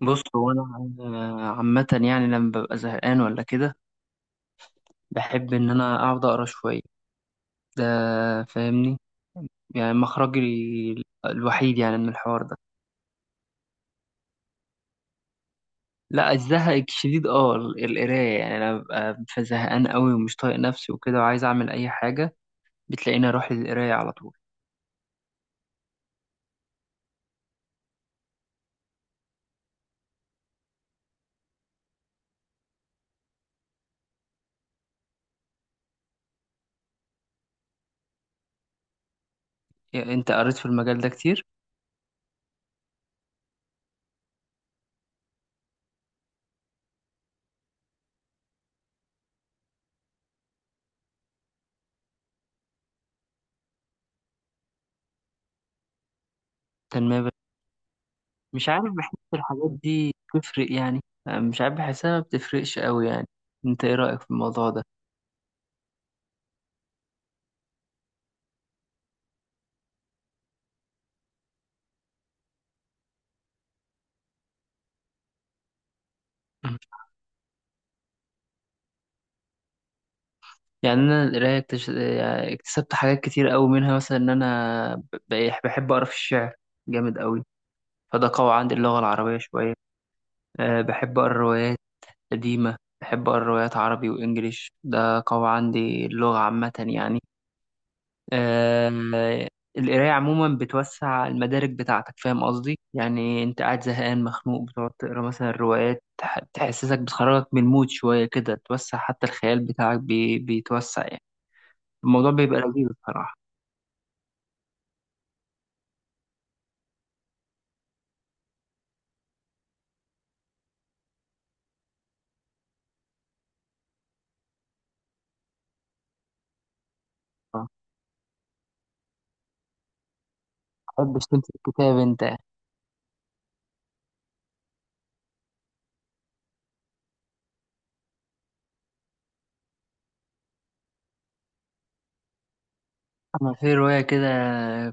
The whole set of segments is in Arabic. بص هو انا. أنا عامه يعني لما ببقى زهقان ولا كده بحب ان انا اقعد اقرا شويه ده، فاهمني؟ يعني مخرجي ال- الوحيد يعني من الحوار ده. لا، الزهق الشديد، اه القرايه يعني. انا ببقى زهقان قوي ومش طايق نفسي وكده وعايز اعمل اي حاجه، بتلاقيني اروح للقرايه على طول. يعني انت قريت في المجال ده كتير؟ تنميه بش- مش عارف، بحس الحاجات دي بتفرق يعني؟ مش عارف، بحسها ما بتفرقش قوي يعني. انت ايه رايك في الموضوع ده؟ يعني انا القرايه يعني اكتسبت حاجات كتير قوي منها. مثلا ان انا بحب اقرا في الشعر جامد قوي، فده قوي عندي اللغه العربيه شويه. أه، بحب اقرا روايات قديمه، بحب اقرا روايات عربي وانجليش، ده قوي عندي اللغه عامه يعني. أه، القرايه عموما بتوسع المدارك بتاعتك، فاهم قصدي؟ يعني انت قاعد زهقان مخنوق، بتقعد تقرا مثلا روايات تحسسك، بتخرجك من المود شويه كده، توسع حتى الخيال بتاعك بيتوسع يعني. الموضوع بيبقى لذيذ بصراحه. ما بتحبش تمسك كتاب انت؟ انا في رواية كده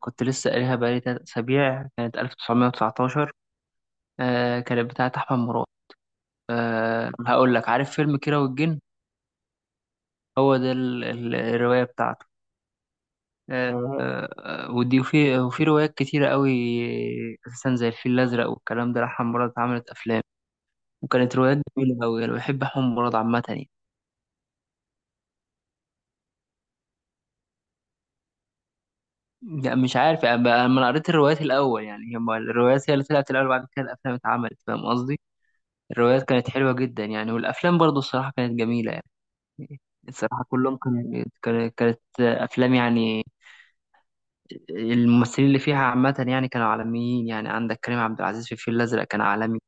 كنت لسه قاريها بقالي تلات اسابيع، كانت 1919. آه كانت بتاعت احمد مراد. آه هقول لك، عارف فيلم كيرة والجن؟ هو ده الرواية بتاعته. آه. آه، ودي وفي روايات كتيرة قوي اساسا، زي الفيل الازرق والكلام ده لأحمد مراد، اتعملت افلام. وكانت روايات جميلة قوي، انا بحب احمد مراد عامة يعني. لا مش عارف، انا قريت الروايات الاول يعني، هي الروايات هي اللي طلعت الاول، بعد كده الافلام اتعملت، فاهم قصدي؟ الروايات كانت حلوة جدا يعني، والأفلام برضو الصراحة كانت جميلة يعني. الصراحة كلهم كانت أفلام يعني. الممثلين اللي فيها عامة يعني كانوا عالميين يعني. عندك كريم عبد العزيز في الفيل الأزرق كان عالمي.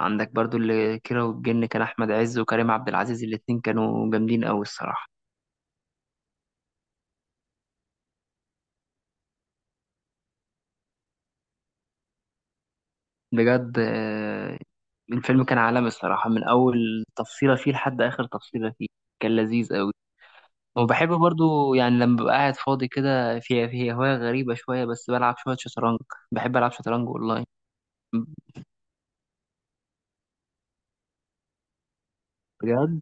عندك برضو اللي كيرة والجن، كان أحمد عز وكريم عبد العزيز الاتنين كانوا جامدين أوي الصراحة. بجد. آه، الفيلم كان عالمي الصراحة، من أول تفصيلة فيه لحد آخر تفصيلة فيه كان لذيذ أوي. وبحب برضو يعني لما ببقى قاعد فاضي كده، في هواية غريبة شوية، بس بلعب شوية شطرنج. بحب ألعب شطرنج أونلاين. بجد.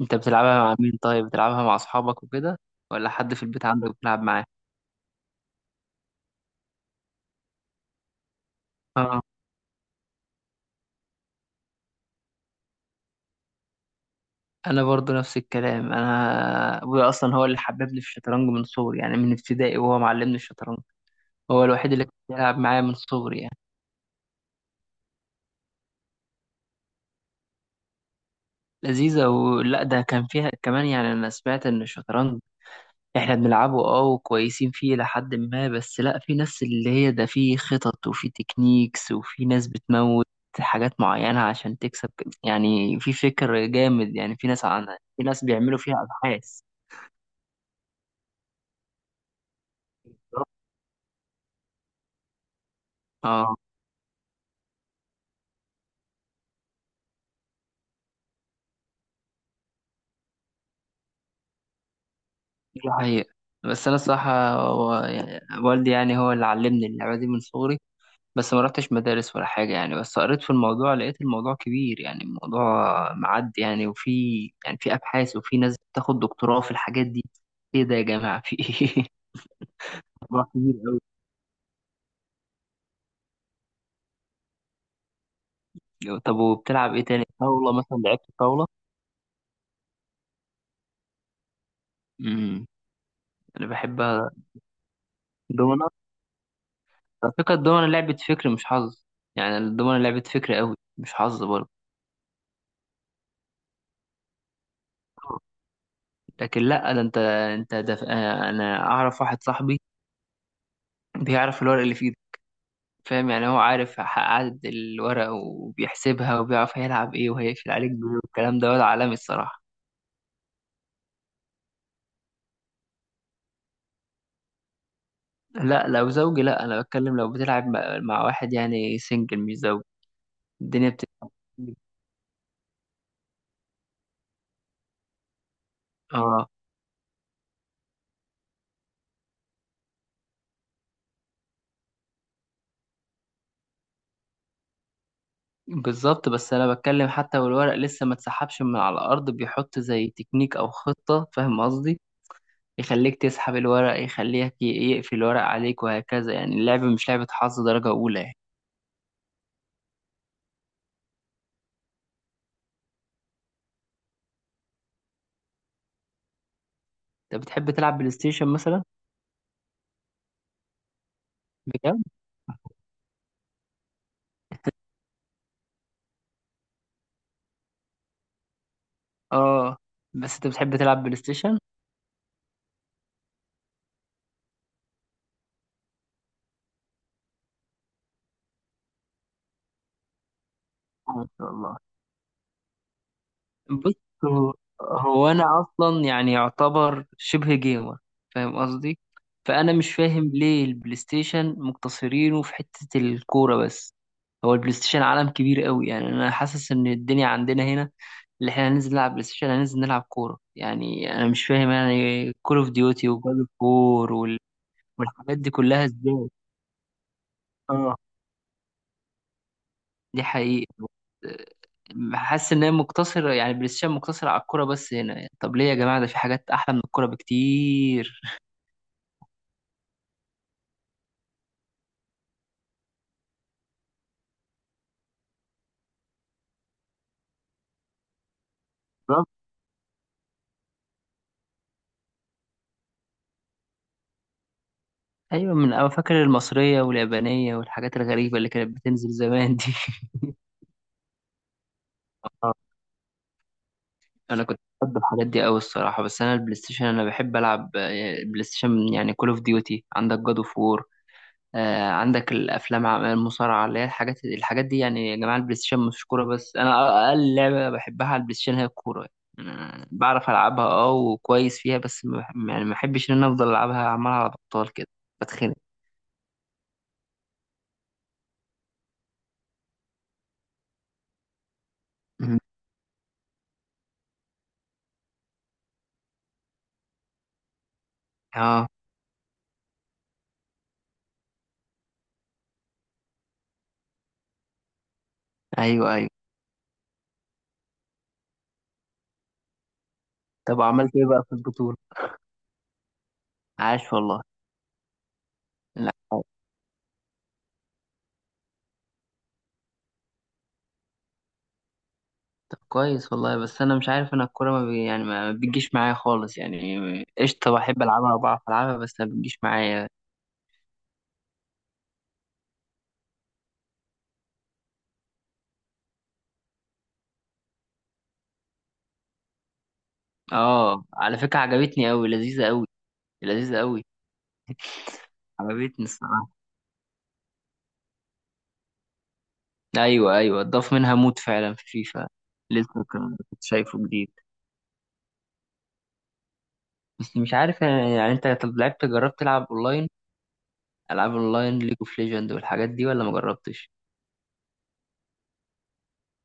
أنت بتلعبها مع مين؟ طيب بتلعبها مع أصحابك وكده ولا حد في البيت عندك بتلعب معاه؟ اه، أنا برضو نفس الكلام، أنا أبويا أصلا هو اللي حببني في الشطرنج من صغري يعني، من ابتدائي وهو معلمني الشطرنج. هو الوحيد اللي كان بيلعب معايا من صغري يعني. لذيذة. ولا ده كان فيها كمان يعني، أنا سمعت إن الشطرنج احنا بنلعبه اه وكويسين فيه لحد ما، بس لا، في ناس اللي هي ده في خطط وفي تكنيكس وفي ناس بتموت حاجات معينة عشان تكسب. يعني في فكر جامد يعني، في ناس عنها، في ناس بيعملوا فيها أبحاث. اه دي حقيقة. بس أنا الصراحة هو يعني والدي يعني هو اللي علمني اللعبة دي من صغري، بس ما رحتش مدارس ولا حاجة يعني. بس قريت في الموضوع، لقيت الموضوع كبير يعني، الموضوع معدي يعني، وفي يعني في أبحاث وفي ناس بتاخد دكتوراه في الحاجات دي. إيه ده يا جماعة؟ في إيه؟ موضوع كبير أوي. طب وبتلعب إيه تاني؟ طاولة مثلا، لعبت طاولة؟ امم، أنا بحبها. دومنة. على فكرة الدومنة لعبة فكر مش حظ. يعني الدومنة لعبة فكر أوي مش حظ برضه. لكن لا، ده انت انت ده انا اعرف واحد صاحبي بيعرف الورق اللي في ايده، فاهم يعني؟ هو عارف عدد الورق وبيحسبها وبيعرف هيلعب ايه وهيقفل عليك بايه والكلام ده، ولا عالمي الصراحة. لا لو زوجي لا، انا بتكلم لو بتلعب مع واحد يعني، سنجل مش زوج. الدنيا بتبقى اه، بالظبط. بس انا بتكلم حتى والورق لسه ما اتسحبش من على الارض، بيحط زي تكنيك او خطة، فاهم قصدي؟ يخليك تسحب الورق، يقفل الورق عليك وهكذا. يعني اللعبة مش لعبة حظ درجة اولى يعني. انت بتحب تلعب بلاي ستيشن مثلا؟ بجد. اه. بس انت بتحب تلعب بلاي ستيشن؟ ما شاء الله. بص، هو هو انا اصلا يعني يعتبر شبه جيمر، فاهم قصدي؟ فانا مش فاهم ليه البلاي ستيشن مقتصرينه في حتة الكورة بس. هو البلاي ستيشن عالم كبير قوي يعني. انا حاسس ان الدنيا عندنا هنا، اللي احنا هننزل نلعب بلاي ستيشن هننزل نلعب كورة يعني. انا مش فاهم يعني، كول اوف ديوتي وجاد اوف وور والحاجات دي كلها ازاي؟ اه دي حقيقة. حاسس ان هي مقتصرة يعني، بلاي ستيشن مقتصرة على الكورة بس هنا يعني. طب ليه يا جماعة؟ ده في حاجات احلى من الكورة بكتير. بالظبط. ايوه، من انا فاكر المصرية واليابانية والحاجات الغريبة اللي كانت بتنزل زمان دي. آه. انا كنت بحب الحاجات دي قوي الصراحة. بس انا البلاي ستيشن انا بحب العب آه، بلاي ستيشن يعني كول اوف ديوتي، عندك جاد اوف وور آه، عندك الافلام، المصارعه اللي هي الحاجات دي يعني. يا جماعه البلاي ستيشن مش كوره بس. انا اقل لعبه بحبها على البلاي ستيشن هي الكوره. يعني أنا بعرف العبها اه وكويس فيها، بس ما بح- يعني ما بحبش ان انا افضل العبها عمال على بطال كده، بتخنق. مم. اه، ايوه ايوه. طب عملت ايه بقى في البطوله؟ عاش والله. لا. طب كويس والله. بس انا مش عارف، انا الكوره ما بي يعني ما بتجيش معايا خالص يعني. قشطه بحب العبها وبعرف العبها، بس ما بتجيش معايا. اه على فكره عجبتني قوي، لذيذه قوي. لذيذة قوي. عجبتني الصراحة. ايوه ايوه، اتضاف منها مود فعلا في فيفا. لسه كنت شايفه جديد. بس مش عارف يعني, يعني انت طب لعبت، جربت تلعب اونلاين؟ العاب اونلاين، ليج اوف ليجند والحاجات دي ولا ما جربتش؟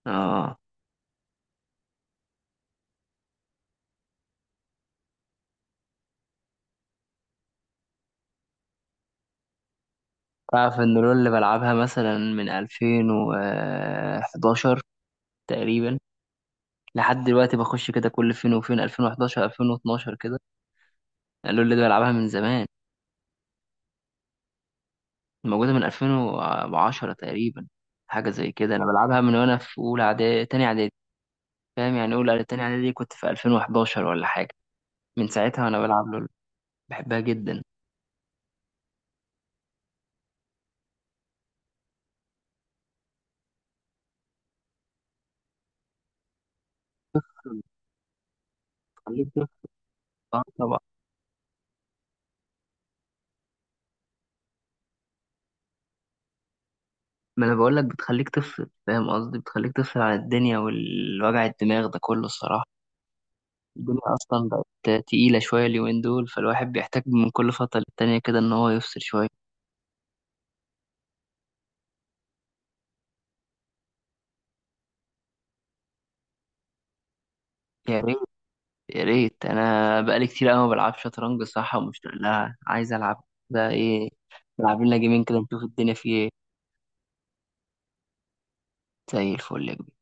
اه. تعرف ان لول اللي بلعبها مثلا من 2011 تقريبا لحد دلوقتي، بخش كده كل فين وفين، 2011 2012 كده. لول اللي بلعبها من زمان، موجودة من 2010 تقريبا، حاجة زي كده. أنا بلعبها من وأنا في أولى إعدادي تاني إعدادي، فاهم يعني؟ أولى إعدادي- تاني إعدادي كنت في 2011 ولا حاجة. من ساعتها وأنا بلعب لول، بحبها جدا. بتخليك طفل. آه طبعا. ما أنا بقولك بتخليك طفل، فاهم قصدي؟ بتخليك طفل عن الدنيا والوجع الدماغ ده كله الصراحة. الدنيا أصلا بقت تقيلة شوية اليومين دول، فالواحد بيحتاج من كل فترة للتانية كده إن هو يفصل شوية. يا ريت. يا ريت، انا بقالي كتير قوي ما بلعبش شطرنج، صح ومشتاق لها، عايز العب. ده ايه؟ نلعب لنا جيمين كده نشوف الدنيا فيه ايه. زي الفل يا